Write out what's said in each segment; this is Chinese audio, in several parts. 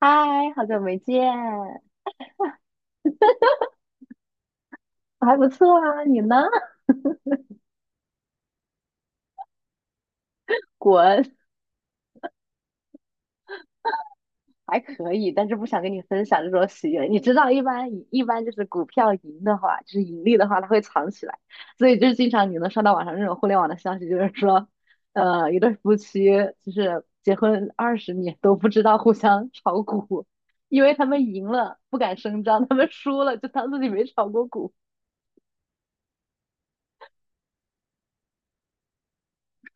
嗨，好久没见，我还不错啊，你呢？滚，还可以，但是不想跟你分享这种喜悦。你知道，一般就是股票赢的话，就是盈利的话，它会藏起来，所以就是经常你能刷到网上这种互联网的消息，就是说，一对夫妻就是结婚20年都不知道互相炒股，因为他们赢了不敢声张，他们输了就当自己没炒过股，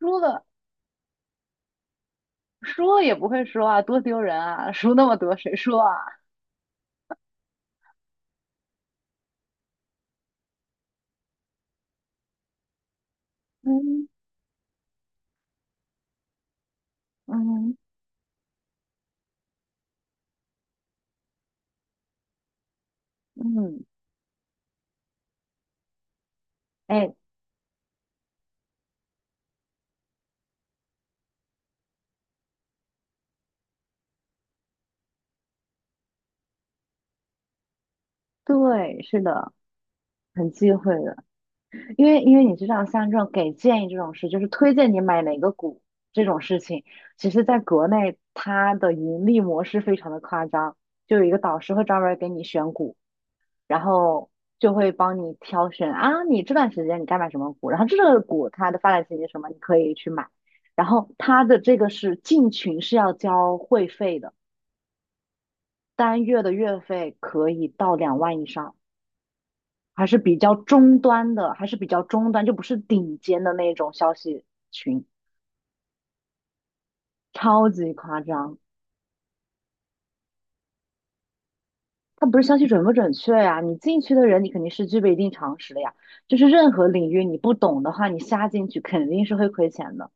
输了输了也不会说啊，多丢人啊，输那么多谁说啊？嗯。嗯嗯，哎，对，是的，很忌讳的，因为你知道，像这种给建议这种事，就是推荐你买哪个股这种事情，其实在国内它的盈利模式非常的夸张，就有一个导师会专门儿给你选股，然后就会帮你挑选啊，你这段时间你该买什么股，然后这个股它的发展前景是什么，你可以去买，然后它的这个是进群是要交会费的，单月的月费可以到2万以上。还是比较中端的，还是比较中端，就不是顶尖的那种消息群，超级夸张。它不是消息准不准确呀、你进去的人，你肯定是具备一定常识的呀。就是任何领域你不懂的话，你瞎进去肯定是会亏钱的。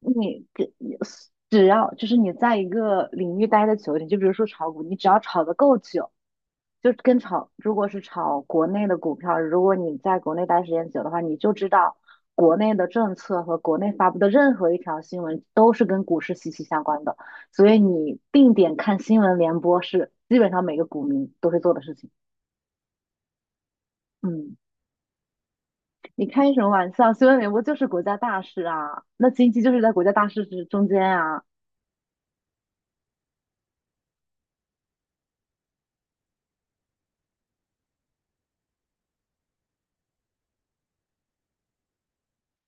你跟你只要就是你在一个领域待的久一点，就比如说炒股，你只要炒得够久，就跟炒，如果是炒国内的股票，如果你在国内待时间久的话，你就知道国内的政策和国内发布的任何一条新闻都是跟股市息息相关的，所以你定点看新闻联播是基本上每个股民都会做的事情。嗯，你开什么玩笑？新闻联播就是国家大事啊，那经济就是在国家大事之中间啊，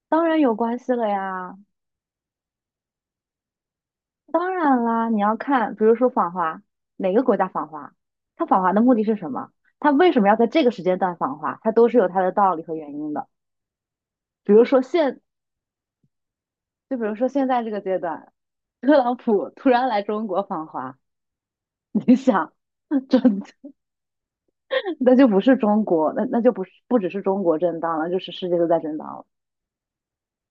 当然有关系了呀。当然啦，你要看，比如说访华，哪个国家访华，它访华的目的是什么？它为什么要在这个时间段访华？它都是有它的道理和原因的。比如说现，就比如说现在这个阶段，特朗普突然来中国访华，你想，这那就不是中国，那就不只是中国震荡了，就是世界都在震荡了。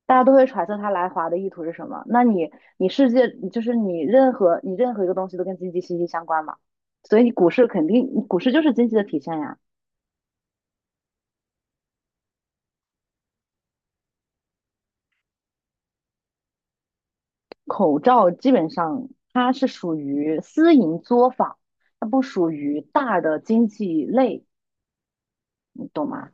大家都会揣测他来华的意图是什么。那你你世界就是你任何一个东西都跟经济息息相关嘛，所以股市就是经济的体现呀。口罩基本上它是属于私营作坊，它不属于大的经济类，你懂吗？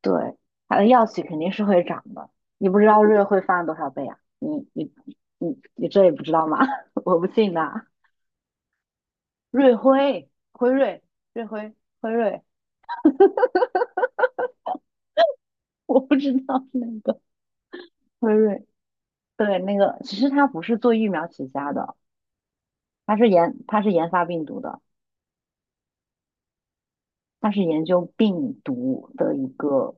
对，它的药企肯定是会涨的。你不知道瑞会翻多少倍啊？你这也不知道吗？我不信的。瑞辉、辉瑞、瑞辉、辉瑞，我不知道那个辉瑞，对，那个其实它不是做疫苗起家的，它是研发病毒的，它是研究病毒的一个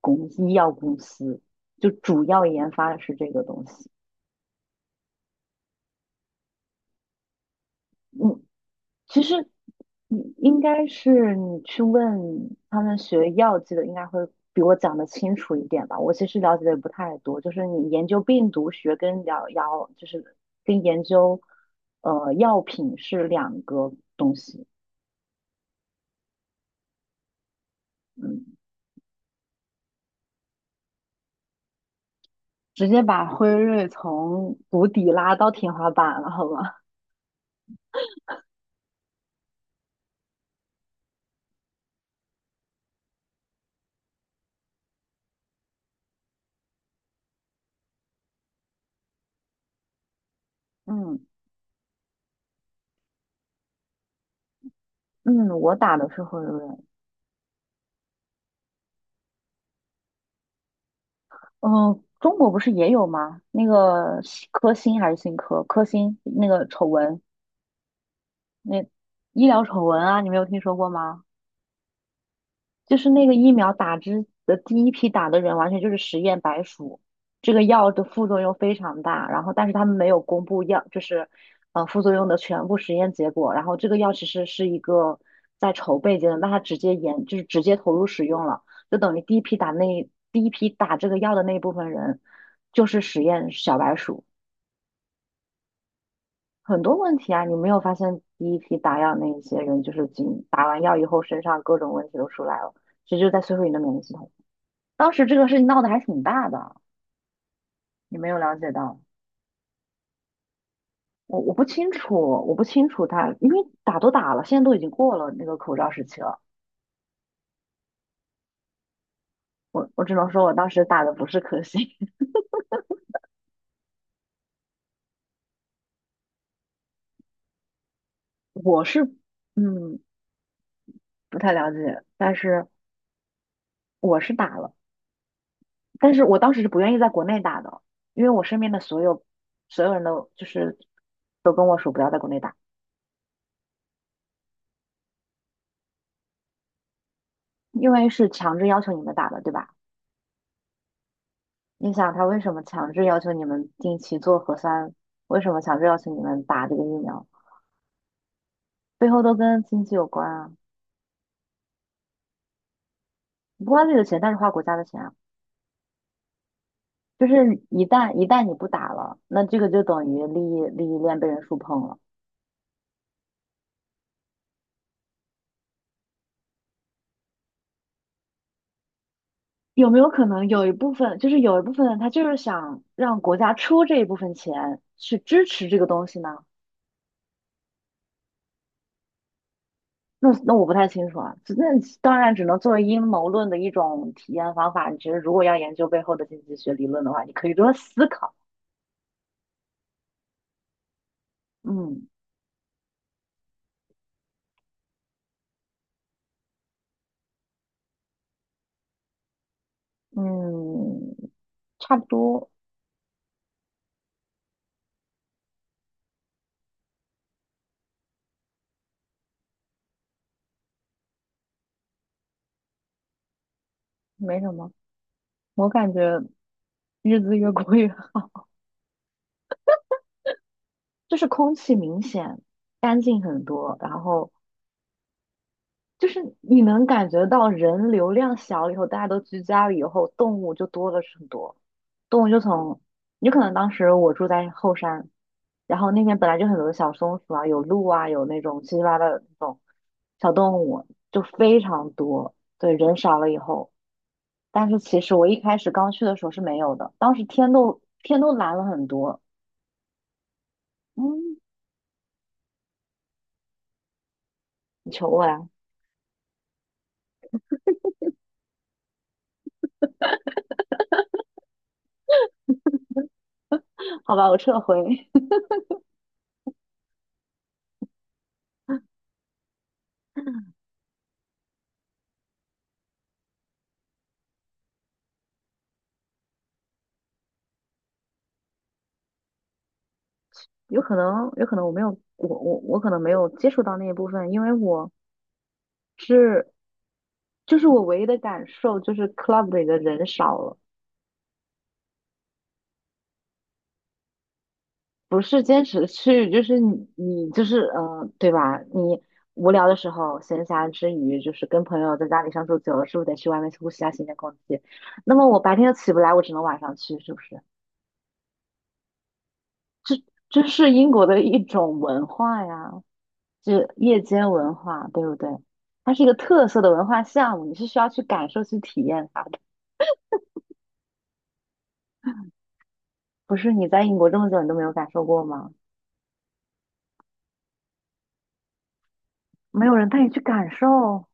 医药公司，就主要研发的是这个东西。嗯，其实你应该是你去问他们学药剂的，应该会比我讲的清楚一点吧。我其实了解的也不太多，就是你研究病毒学跟疗药，就是跟研究药品是两个东西。嗯，直接把辉瑞从谷底拉到天花板了，好吧？嗯嗯，我打的是辉瑞。嗯、中国不是也有吗？那个新科兴还是新科科兴那个丑闻。那医疗丑闻啊，你没有听说过吗？就是那个疫苗打之的第一批打的人，完全就是实验白鼠。这个药的副作用非常大，然后但是他们没有公布药，就是副作用的全部实验结果。然后这个药其实是一个在筹备阶段，那他直接研就是直接投入使用了，就等于第一批打这个药的那一部分人就是实验小白鼠。很多问题啊，你没有发现第一批打药那一些人，就是仅打完药以后身上各种问题都出来了，其实就在摧毁你的免疫系统。当时这个事情闹得还挺大的，你没有了解到？我不清楚，我不清楚他，因为打都打了，现在都已经过了那个口罩时期了。我只能说我当时打的不是科兴，我是嗯不太了解，但是我是打了，但是我当时是不愿意在国内打的，因为我身边的所有人都就是都跟我说不要在国内打。因为是强制要求你们打的，对吧？你想他为什么强制要求你们定期做核酸？为什么强制要求你们打这个疫苗？背后都跟经济有关啊，不花自己的钱，但是花国家的钱啊。就是一旦你不打了，那这个就等于利益链被人触碰了。有没有可能有一部分，就是有一部分人他就是想让国家出这一部分钱去支持这个东西呢？那我不太清楚啊，当然只能作为阴谋论的一种体验方法。你觉得如果要研究背后的经济学理论的话，你可以多思考。嗯嗯，差不多，没什么。我感觉日子越过越，就是空气明显干净很多，然后就是你能感觉到人流量小了以后，大家都居家了以后，动物就多了很多。动物就从，有可能当时我住在后山，然后那边本来就很多小松鼠啊，有鹿啊，有那种七七八八的那种小动物，就非常多。对，人少了以后，但是其实我一开始刚去的时候是没有的，当时天都蓝了很多。嗯，你求我呀？好吧，我撤回。有可能，有可能我没有，我可能没有接触到那一部分，因为我是就是我唯一的感受就是 club 里的人少了。不是坚持的去，就是你就是对吧？你无聊的时候，闲暇之余，就是跟朋友在家里相处久了，是不是得去外面呼吸下新鲜空气？那么我白天又起不来，我只能晚上去，是不是？这是英国的一种文化呀，就夜间文化，对不对？它是一个特色的文化项目，你是需要去感受、去体验它的。不是你在英国这么久，你都没有感受过吗？没有人带你去感受。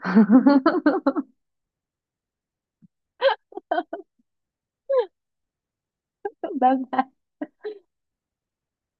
拜拜。